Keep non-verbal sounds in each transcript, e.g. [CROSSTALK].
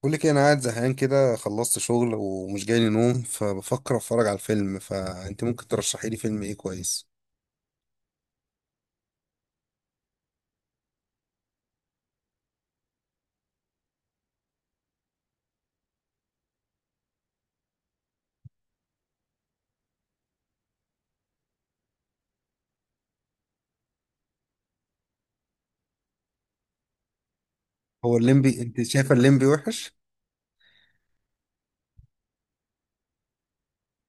بقول لك إيه، انا قاعد زهقان كده، خلصت شغل ومش جاي لي نوم، فبفكر اتفرج على الفيلم. فانت ممكن ترشحي لي فيلم ايه كويس؟ هو الليمبي انت شايفه الليمبي وحش؟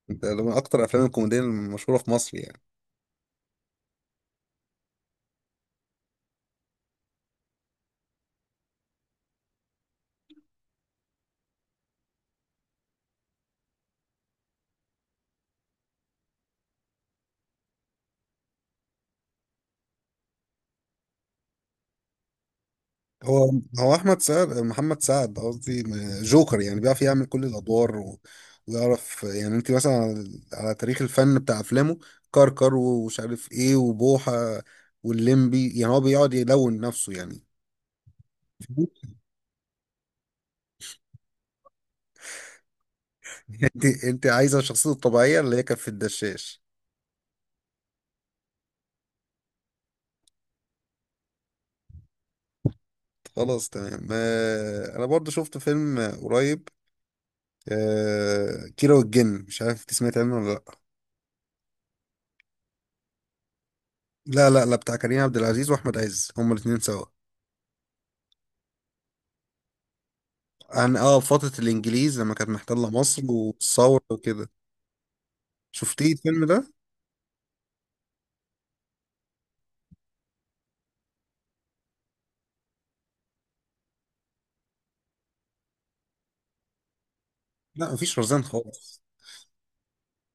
انت ده من اكتر افلام الكوميديا المشهوره في مصر يعني. هو هو احمد سعد، محمد سعد قصدي، جوكر يعني، بيعرف يعمل كل الادوار ويعرف يعني. انت مثلا على تاريخ الفن بتاع افلامه، كركر ومش عارف ايه، وبوحه والليمبي، يعني هو بيقعد يلون نفسه يعني. انت عايزه الشخصيه الطبيعيه اللي هي كانت في الدشاش. خلاص تمام. آه، انا برضو شفت فيلم قريب، آه، كيرة والجن. مش عارف انت سمعت عنه ولا لا. لا لا لا بتاع كريم عبد العزيز واحمد عز، هما الاثنين سوا. عن اه فتره الانجليز لما كانت محتله مصر والثوره وكده. شفتيه الفيلم ده؟ لا، مفيش رزان خالص.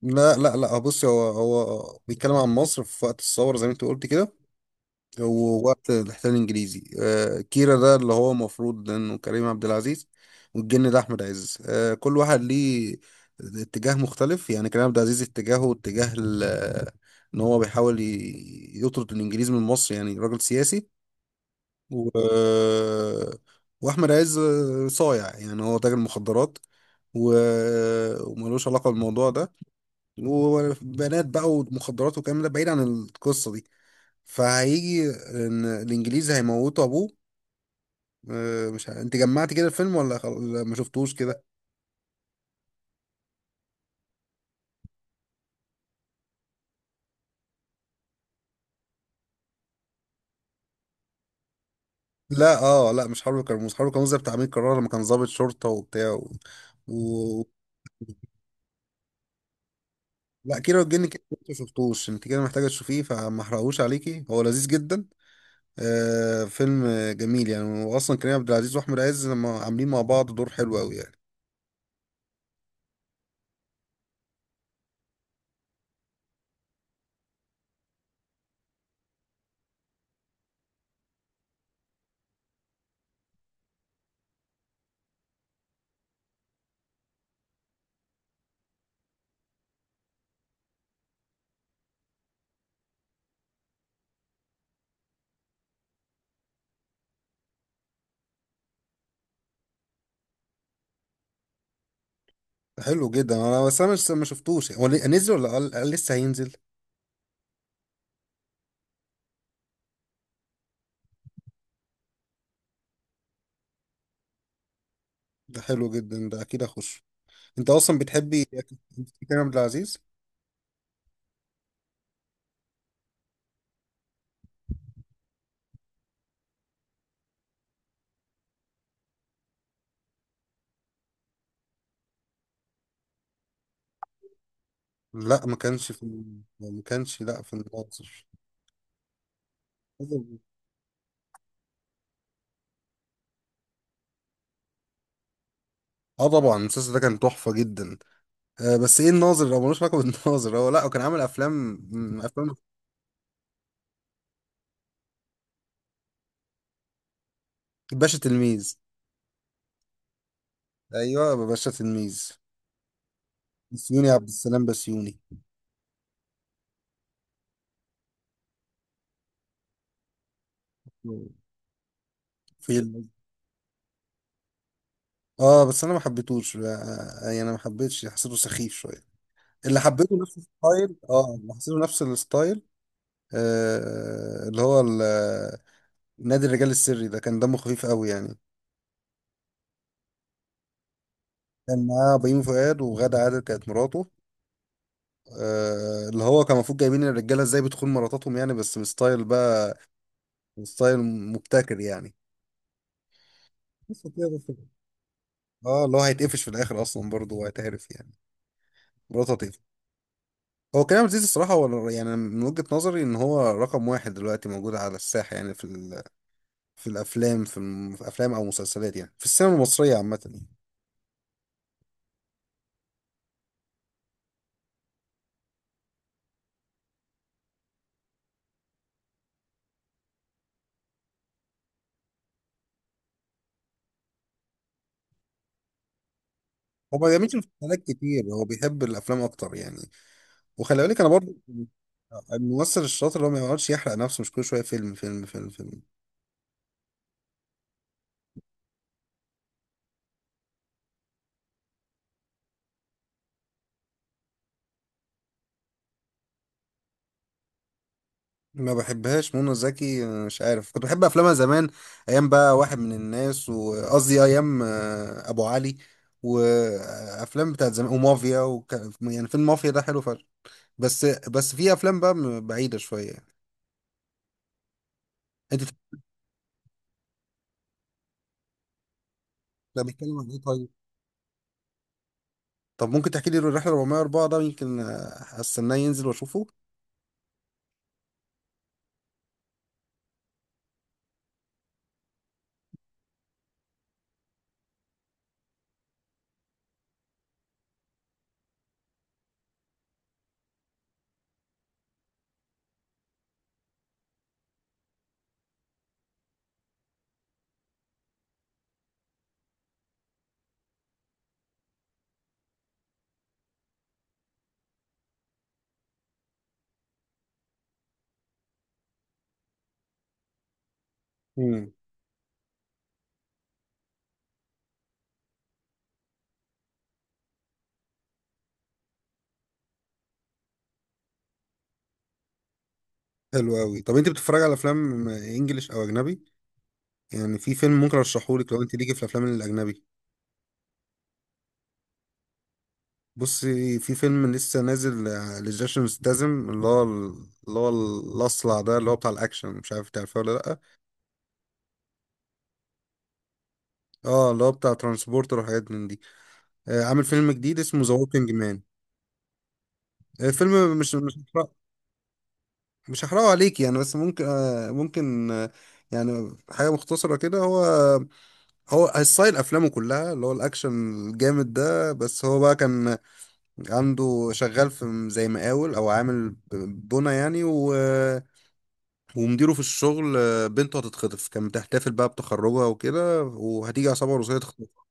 لا لا لا، آه، بصي، هو بيتكلم عن مصر في وقت الثوره زي ما انت قلت كده، هو وقت الاحتلال الانجليزي. آه، كيرا ده اللي هو المفروض انه كريم عبد العزيز، والجن ده احمد عز. آه، كل واحد ليه اتجاه مختلف، يعني كريم عبد العزيز اتجاهه اتجاه ان هو بيحاول يطرد الانجليز من مصر، يعني راجل سياسي. و... واحمد عز صايع، يعني هو تاجر مخدرات و... وملوش علاقة بالموضوع ده، وبنات بقى ومخدرات والكلام ده بعيد عن القصة دي. فهيجي ان الانجليزي هيموتوا ابوه. آه، مش ه... انت جمعت كده الفيلم ولا لا، ما شفتوش كده. لا اه، لا، مش حرب كرموز. حرب كرموز ده بتاع امير كرارة لما كان ضابط شرطة وبتاع و... لا، كيرة والجن كده. ما شفتوش انت كده، محتاجة تشوفيه، فما احرقهوش عليكي، هو لذيذ جدا. آه، فيلم جميل يعني، واصلا كريم عبد العزيز واحمد عز لما عاملين مع بعض دور حلو قوي يعني. حلو جدا. انا بس انا مش ما شفتوش، هو نزل ولا قال لسه هينزل؟ ده حلو جدا، ده اكيد اخش. انت اصلا بتحبي كريم عبد العزيز. لا، ما كانش في. ما كانش لا في الناظر. اه طبعا، المسلسل ده كان تحفه جدا. آه بس ايه، الناظر، هو ملوش علاقه بالناظر، هو لا، هو كان عامل افلام، افلام. باشا تلميذ. ايوه، باشا تلميذ. بسيوني، عبد السلام بسيوني. في اه بس انا ما حبيتهوش. آه، آه، يعني انا ما حبيتش، حسيته سخيف شويه. اللي حبيته نفس الستايل، اه، اللي حسيته نفس الستايل، آه اللي هو نادي الرجال السري، ده كان دمه خفيف قوي يعني. كان معاه بيومي فؤاد وغادة عادل كانت مراته. آه، اللي هو كان المفروض جايبين الرجاله ازاي بتخون مراتاتهم يعني، بس بستايل بقى، ستايل مبتكر يعني. قصة كده، قصة كده. اه اللي هو هيتقفش في الاخر اصلا برضه، وهيتعرف يعني، مراته هتقفش. هو كريم عبد العزيز الصراحه، هو يعني من وجهه نظري ان هو رقم واحد دلوقتي موجود على الساحه، يعني في في الافلام، في افلام او مسلسلات يعني، في السينما المصريه عامه يعني. هو ما بيعملش مسلسلات كتير، هو بيحب الافلام اكتر يعني. وخلي بالك انا برضو يعني الممثل الشاطر اللي هو ما يقعدش يحرق نفسه، مش كل شويه فيلم فيلم فيلم فيلم. ما بحبهاش منى زكي، مش عارف، كنت بحب افلامها زمان. ايام بقى واحد من الناس، وقصدي ايام، آه، ابو علي، وافلام بتاعت زمان ومافيا. وكان يعني فيلم مافيا ده حلو فشخ، بس في افلام بقى بعيده شويه يعني. انت ده بيتكلم عن ايه طيب؟ طب ممكن تحكي لي الرحله 404 ده، يمكن آه، استناه ينزل واشوفه. امم، حلو قوي. طب انت بتتفرج على افلام انجليش او اجنبي؟ يعني في فيلم ممكن ارشحهولك لو انت ليكي في الافلام الاجنبي. بصي، في فيلم لسه نازل، آه، لجيسون ستاثام، اللي هو اللي هو الاصلع ده، اللي هو بتاع الاكشن، مش عارف تعرفه ولا لا. اه اللي هو بتاع ترانسبورتر وحاجات من دي. آه، عامل فيلم جديد اسمه ذا ووكينج مان. فيلم مش هحرقه عليكي يعني، بس ممكن آه، ممكن آه، يعني حاجة مختصرة كده. هو ستايل أفلامه كلها اللي هو الأكشن الجامد ده، بس هو بقى كان عنده، شغال في زي مقاول او عامل بنا يعني، ومديره في الشغل، بنته هتتخطف. كانت بتحتفل بقى بتخرجها وكده، وهتيجي عصابه روسيه تخطفها.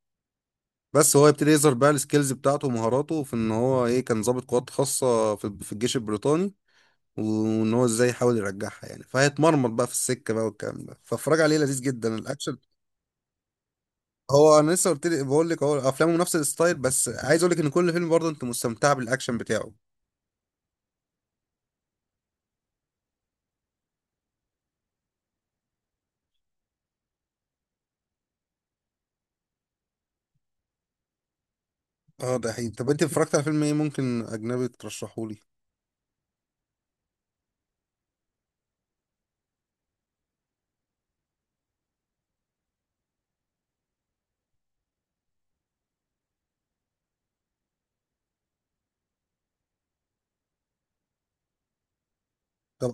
بس هو يبتدي يظهر بقى السكيلز بتاعته ومهاراته، في ان هو ايه، كان ضابط قوات خاصه في الجيش البريطاني، وان هو ازاي يحاول يرجعها يعني، فهيتمرمط بقى في السكه بقى والكلام ده، فاتفرج عليه، لذيذ جدا الاكشن. هو انا لسه قلت لي بقول لك هو افلامه نفس الستايل، بس عايز اقول لك ان كل فيلم برضه انت مستمتع بالاكشن بتاعه. اه، ده حقيقي. طب انت اتفرجت على فيلم ايه ممكن اجنبي ترشحه لي؟ طب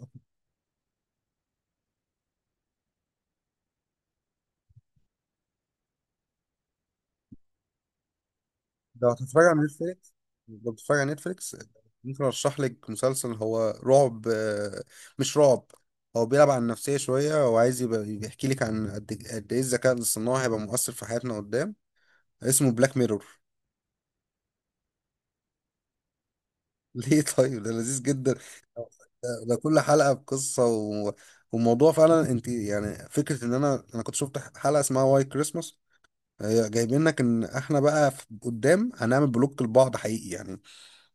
لو هتتفرج على نتفليكس، لو بتتفرج على نتفليكس ممكن ارشح لك مسلسل، هو رعب، آه، مش رعب، هو بيلعب على النفسية شوية، وعايز يبقى بيحكي لك عن قد إيه، قد ايه الذكاء الاصطناعي هيبقى مؤثر في حياتنا قدام. اسمه بلاك ميرور. [LAUGHS] ليه طيب؟ ده لذيذ جدا، ده ده كل حلقة بقصة وموضوع، فعلا انت يعني فكرة ان انا كنت شفت حلقة اسمها واي كريسماس. هي جايبين لك ان احنا بقى قدام هنعمل بلوك لبعض حقيقي يعني.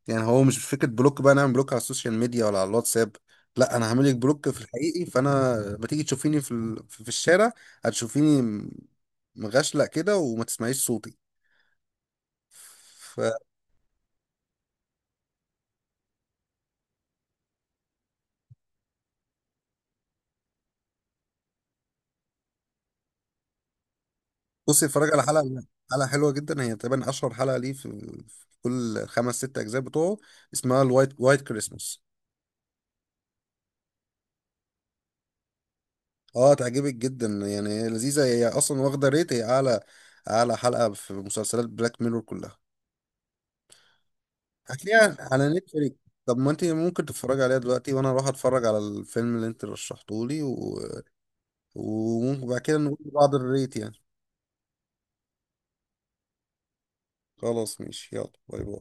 يعني هو مش فكره بلوك بقى نعمل بلوك على السوشيال ميديا ولا على الواتساب، لا، انا هعمل لك بلوك في الحقيقي. فانا ما تيجي تشوفيني في في الشارع هتشوفيني مغشلق كده، وما تسمعيش صوتي. فبصي، اتفرج على حلقه، حلقه حلوه جدا، هي تقريبا اشهر حلقه ليه في في كل خمس ست اجزاء بتوعه، اسمها وايت كريسماس. اه تعجبك جدا يعني، هي لذيذة، هي اصلا واخدة ريت هي اعلى حلقة في مسلسلات بلاك ميرور كلها. هتلاقيها على نتفليكس. طب ما انت ممكن تتفرجي عليها دلوقتي وانا اروح اتفرج على الفيلم اللي انت رشحته لي، وممكن بعد كده نقول لبعض الريت يعني. خلاص ماشي، يلا باي باي.